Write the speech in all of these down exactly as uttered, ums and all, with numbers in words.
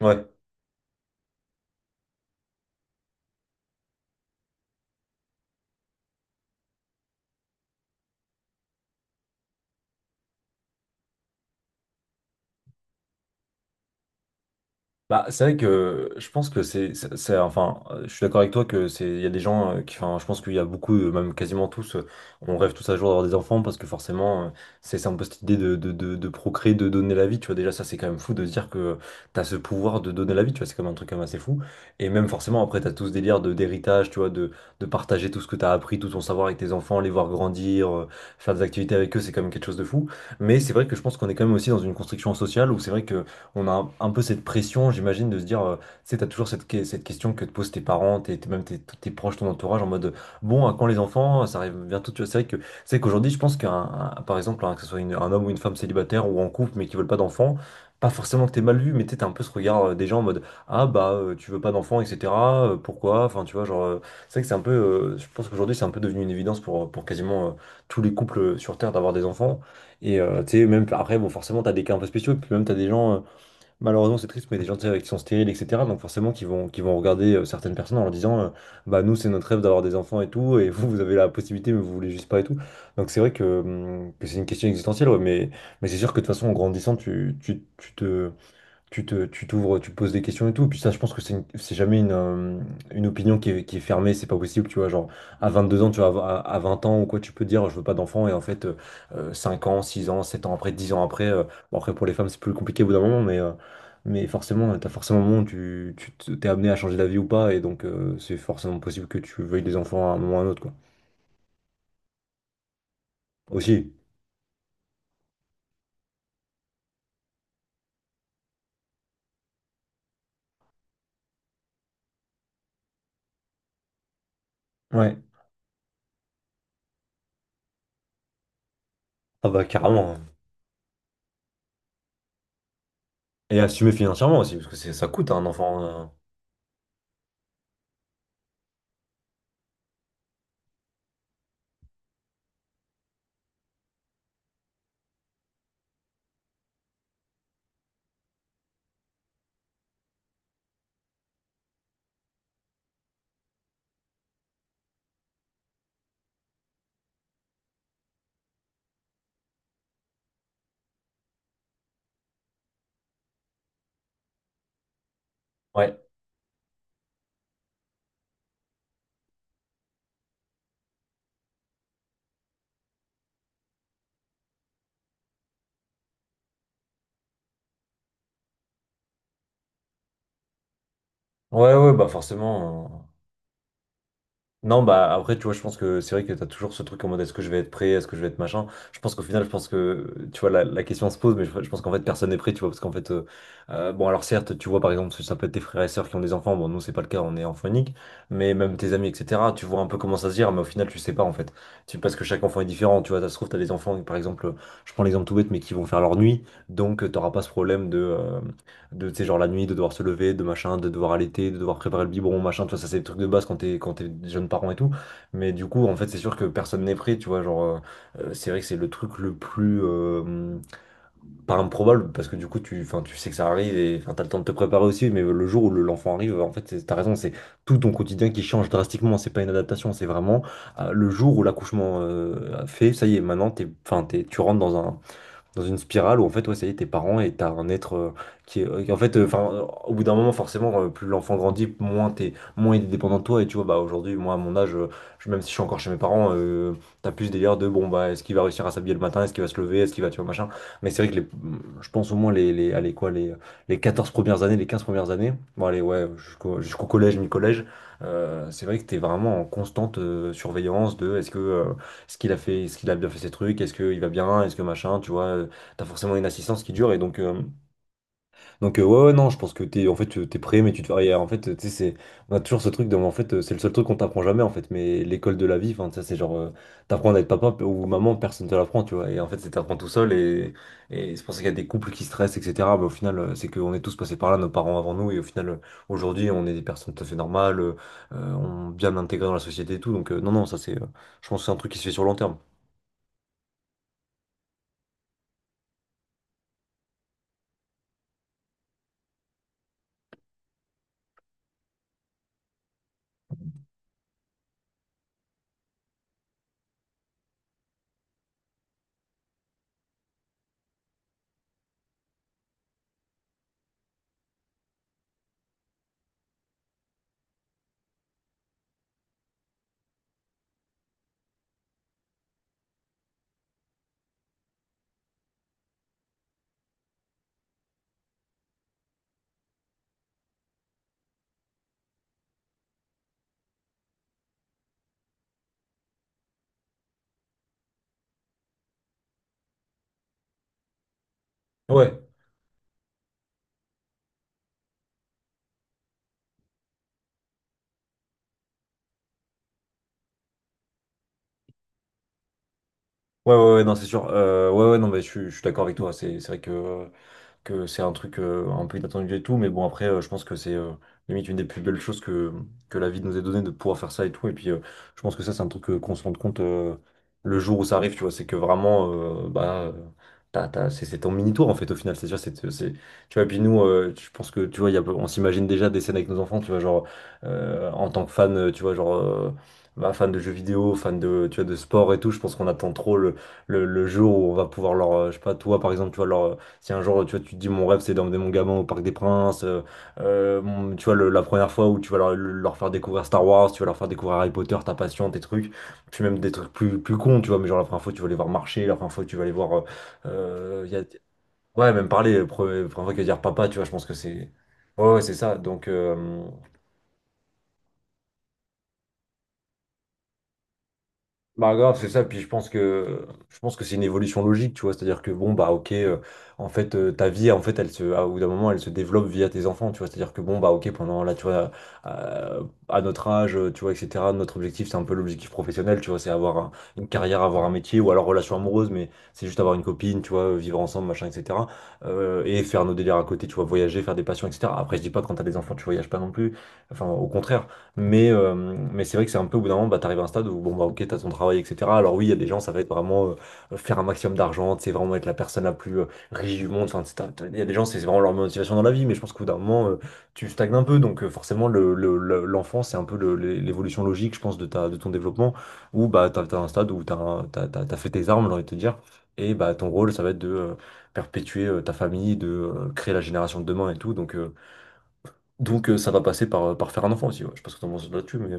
Ouais. Bah, c'est vrai que je pense que c'est, c'est, c'est- enfin, euh, je suis d'accord avec toi que c'est, il y a des gens euh, qui, enfin, je pense qu'il y a beaucoup, euh, même quasiment tous, euh, on rêve tous un jour d'avoir des enfants parce que forcément, euh, c'est c'est un peu cette idée de, de, de, de procréer, de donner la vie, tu vois. Déjà, ça, c'est quand même fou de se dire que t'as ce pouvoir de donner la vie, tu vois. C'est quand même un truc quand même assez fou. Et même forcément, après, t'as tout ce délire de, d'héritage, tu vois, de, de partager tout ce que t'as appris, tout ton savoir avec tes enfants, les voir grandir, euh, faire des activités avec eux, c'est quand même quelque chose de fou. Mais c'est vrai que je pense qu'on est quand même aussi dans une construction sociale où c'est vrai que on a un, un peu cette pression, j'imagine, de se dire, euh, tu sais, t'as toujours cette, que- cette question que te posent tes parents, tes, tes- même tes, tous tes proches, ton entourage, en mode, bon, à quand les enfants? Ça arrive bientôt, tu vois. C'est vrai que, c'est qu'aujourd'hui, je pense qu'un, un- par exemple, hein, que ce soit une- un homme ou une femme célibataire ou en couple, mais qui veulent pas d'enfants, pas forcément que t'es mal vu, mais tu sais, t'as un peu ce regard euh, des gens en mode, ah bah, euh, tu veux pas d'enfants, et cetera euh, pourquoi? Enfin, tu vois, genre, euh, c'est vrai que c'est un peu, euh, je pense qu'aujourd'hui, c'est un peu devenu une évidence pour, pour quasiment euh, tous les couples sur Terre d'avoir des enfants. Et euh, tu sais, même après, bon, forcément, t'as des cas un peu spéciaux, et puis même t'as des gens. euh, Malheureusement, c'est triste, mais il y a des gens tu sais, qui sont stériles, et cetera. Donc forcément, qui vont, qui vont regarder euh, certaines personnes en leur disant, euh, bah nous, c'est notre rêve d'avoir des enfants et tout, et vous, vous avez la possibilité, mais vous voulez juste pas et tout. Donc c'est vrai que, hum, que c'est une question existentielle, ouais, mais, mais c'est sûr que de toute façon, en grandissant, tu, tu, tu te, tu te, tu t'ouvres, tu poses des questions et tout. Puis ça, je pense que c'est une- c'est jamais une, euh, une opinion qui est, qui est fermée, c'est pas possible, tu vois. Genre, à vingt-deux ans, tu vois, à, à vingt ans ou quoi, tu peux dire, je veux pas d'enfant, et en fait, euh, euh, ans, six ans, sept ans après, dix ans après, euh, bon, après, pour les femmes, c'est plus compliqué au bout d'un moment, mais, euh, mais forcément, t'as forcément un moment où tu, tu te- t'es amené à changer d'avis ou pas, et donc, euh, c'est forcément possible que tu veuilles des enfants à un moment ou à un autre, quoi. Aussi, ouais, ah bah, carrément. Et assumer financièrement aussi, parce que c'est- ça coûte, hein, un enfant. euh. Ouais, ouais, ouais, bah, forcément. euh, Non, bah après, tu vois, je pense que c'est vrai que tu as toujours ce truc en mode est-ce que je vais être prêt, est-ce que je vais être machin. Je pense qu'au final, je pense que, tu vois, la, la question se pose, mais je, je pense qu'en fait, personne n'est prêt, tu vois, parce qu'en fait, euh, euh, bon, alors certes, tu vois, par exemple, ça peut être tes frères et sœurs qui ont des enfants, bon, nous, c'est pas le cas, on est enfant unique, mais même tes amis, et cetera, tu vois un peu comment ça se gère, mais au final, tu sais pas, en fait. Tu, parce que chaque enfant est différent, tu vois, ça se trouve, tu as des enfants, par exemple, je prends l'exemple tout bête, mais qui vont faire leur nuit, donc euh, t'auras pas ce problème de, euh, de, tu sais, genre la nuit, de devoir se lever, de machin, de devoir allaiter, de devoir préparer le biberon, machin, tu vois, ça c'est des trucs de base quand t'es quand t'es jeune parent et tout. Mais du coup, en fait, c'est sûr que personne n'est prêt, tu vois, genre, euh, euh, c'est vrai que c'est le truc le plus, euh, pas improbable, parce que du coup, tu, enfin, tu sais que ça arrive et enfin, t'as le temps de te préparer aussi, mais le jour où le- l'enfant arrive, en fait, c'est- t'as raison, c'est tout ton quotidien qui change drastiquement, c'est pas une adaptation, c'est vraiment euh, le jour où l'accouchement euh, a fait, ça y est, maintenant, t'es, enfin, t'es, tu rentres dans un dans une spirale où en fait ouais ça y est t'es parent et t'as un être euh, qui est euh, qui, en fait euh, enfin au bout d'un moment forcément euh, plus l'enfant grandit moins t'es moins il est dépendant de toi et tu vois bah aujourd'hui moi à mon âge euh, je- même si je suis encore chez mes parents euh, t'as plus ce délire de bon bah est-ce qu'il va réussir à s'habiller le matin est-ce qu'il va se lever est-ce qu'il va tu vois machin mais c'est vrai que les, je pense au moins les, les allez quoi les les quatorze premières années les quinze premières années bon allez ouais jusqu'au jusqu'au collège mi-collège, euh, c'est vrai que t'es vraiment en constante euh, surveillance de est-ce que euh, ce qu'il a fait, est-ce qu'il a bien fait ses trucs, est-ce qu'il va bien, est-ce que machin, tu vois, euh, t'as forcément une assistance qui dure et donc, euh, donc euh, ouais, ouais, non, je pense que t'es, en fait, tu- t'es prêt, mais tu te fais rien. En fait, tu sais, c'est, on a toujours ce truc de, en fait, euh, c'est le seul truc qu'on t'apprend jamais, en fait, mais l'école de la vie, enfin, ça, c'est genre, euh, t'apprends à être papa p- ou maman, personne te l'apprend, tu vois, et en fait, c'est t'apprends tout seul et, et c'est pour ça qu'il y a des couples qui stressent, et cetera. Mais au final, euh, c'est qu'on est tous passés par là, nos parents avant nous, et au final, euh, aujourd'hui, on est des personnes tout à fait normales, euh, euh, on bien intégrées dans la société et tout, donc euh, non, non, ça, c'est, euh, je pense que c'est un truc qui se fait sur le long terme. Ouais, ouais, ouais, ouais, non, c'est sûr. Euh, ouais, ouais, non, mais je, suis je suis d'accord avec toi. C'est c'est vrai que euh, que c'est un truc euh, un peu inattendu et tout, mais bon après euh, je pense que c'est euh, limite une des plus belles choses que, que, la vie nous ait donné de pouvoir faire ça et tout, et puis euh, je pense que ça c'est un truc euh, qu'on se rende compte euh, le jour où ça arrive, tu vois, c'est que vraiment, euh, bah, euh, t'as, t'as- c'est c'est ton mini-tour en fait au final, cest sûr c'est, c'est, tu vois, et puis nous, euh, je pense que, tu vois, il y a, on s'imagine déjà des scènes avec nos enfants, tu vois, genre, euh, en tant que fan, euh, tu vois, genre... euh, bah, fan de jeux vidéo, fan de, tu vois, de sport et tout, je pense qu'on attend trop le, le, le jour où on va pouvoir leur, euh, je sais pas, toi par exemple, tu vois, leur, si un jour, tu vois, tu te dis, mon rêve, c'est d'emmener mon gamin au Parc des Princes, euh, euh, mon- tu vois, le- la première fois où tu vas leur, leur faire découvrir Star Wars, tu vas leur faire découvrir Harry Potter, ta passion, tes trucs, puis même des trucs plus, plus cons, tu vois, mais genre la première fois, tu vas les voir marcher, la première fois, tu vas les voir. euh, euh, y a- Ouais, même parler, la première la première fois qu'il va dire papa, tu vois, je pense que c'est. Ouais, ouais, c'est ça. Donc. euh, Bah grave, c'est ça, puis je pense que je pense que c'est une évolution logique, tu vois, c'est-à-dire que bon bah OK euh, en fait euh, ta vie en fait elle se à- au bout d'un moment elle se développe via tes enfants, tu vois, c'est-à-dire que bon bah OK pendant là tu vois euh, à notre âge, euh, tu vois et cetera, notre objectif c'est un peu l'objectif professionnel, tu vois, c'est avoir un- une carrière, avoir un métier ou alors relation amoureuse mais c'est juste avoir une copine, tu vois, euh, vivre ensemble, machin et cetera euh, Et faire nos délires à côté, tu vois, voyager, faire des passions et cetera. Après je dis pas que quand t'as des enfants, tu voyages pas non plus. Enfin au contraire, mais, euh, mais c'est vrai que c'est un peu au bout d'un moment, bah, t'arrives à un stade où, bon, bah, ok, t'as ton travail, et cetera. Alors oui, il y a des gens, ça va être vraiment euh, faire un maximum d'argent, c'est vraiment être la personne la plus euh, riche du monde. Enfin, c'est- t'as- t'as- il y a des gens, c'est vraiment leur motivation dans la vie, mais je pense qu'au bout d'un moment, euh, tu stagnes un peu. Donc euh, forcément, le, le- le- l'enfant, c'est un peu le- l'é- l'évolution logique, je pense, de, ta, de ton développement, où bah, t'as, t'as un stade où t'as, un- t'as, t'as, t'as fait tes armes, j'ai envie de te dire. Et bah, ton rôle, ça va être de euh, perpétuer euh, ta famille, de euh, créer la génération de demain et tout. Donc, euh, donc euh, ça va passer par, euh, par faire un enfant aussi, ouais. Je sais pas ce que t'en penses là-dessus, mais... euh,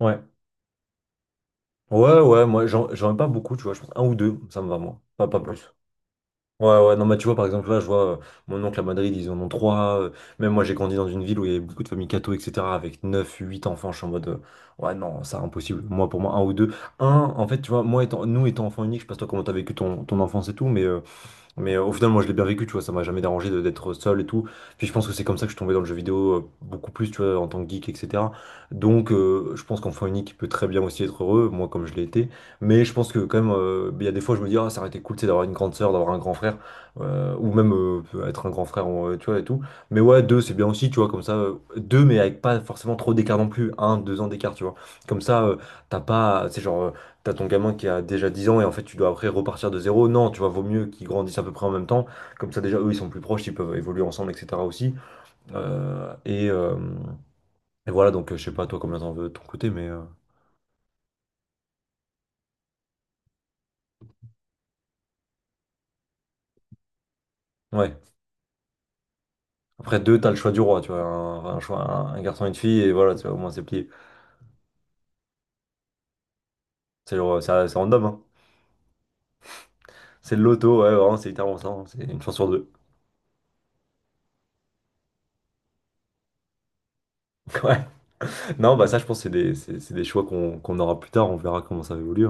Ouais. Ouais, ouais, moi j'en j'en ai pas beaucoup, tu vois, je pense un ou deux, ça me va, moi. Pas, pas ouais. Plus. Ouais, ouais, non, mais tu vois, par exemple, là, je vois euh, mon oncle à Madrid, ils en ont trois. Euh, même moi, j'ai grandi dans une ville où il y avait beaucoup de familles catho, et cetera, avec neuf huit enfants, je suis en mode, euh, ouais, non, ça, impossible. Moi, pour moi, un ou deux. Un, en fait, tu vois, moi, étant, nous, étant enfants uniques, je sais pas toi comment t'as vécu ton, ton enfance et tout, mais euh, Mais euh, au final, moi, je l'ai bien vécu, tu vois, ça m'a jamais dérangé de- d'être seul et tout. Puis je pense que c'est comme ça que je suis tombé dans le jeu vidéo euh, beaucoup plus, tu vois, en tant que geek, et cetera. Donc, euh, je pense qu'enfant unique, il peut très bien aussi être heureux, moi, comme je l'ai été. Mais je pense que quand même, euh, il y a des fois, je me dis, ah, ça aurait été cool, tu sais, d'avoir une grande sœur, d'avoir un grand frère, euh, ou même euh, être un grand frère, euh, tu vois, et tout. Mais ouais, deux, c'est bien aussi, tu vois, comme ça, euh, deux, mais avec pas forcément trop d'écart non plus, un, deux ans d'écart, tu vois. Comme ça, euh, t'as pas, c'est genre. euh, T'as ton gamin qui a déjà dix ans et en fait tu dois après repartir de zéro. Non, tu vois, vaut mieux qu'ils grandissent à peu près en même temps. Comme ça déjà eux ils sont plus proches, ils peuvent évoluer ensemble, et cetera aussi. Euh, et, euh, et voilà, donc euh, je sais pas toi combien t'en veux de ton côté, mais euh, ouais. Après deux, t'as le choix du roi, tu vois. Un, un choix, un, un garçon et une fille, et voilà, tu vois, au moins c'est plié. C'est le- c'est c'est random, hein. C'est le loto, ouais, vraiment, c'est littéralement ça, hein. C'est une chance sur deux. Ouais. Non, bah ça je pense que c'est des, c'est c'est des choix qu'on qu'on aura plus tard, on verra comment ça évolue.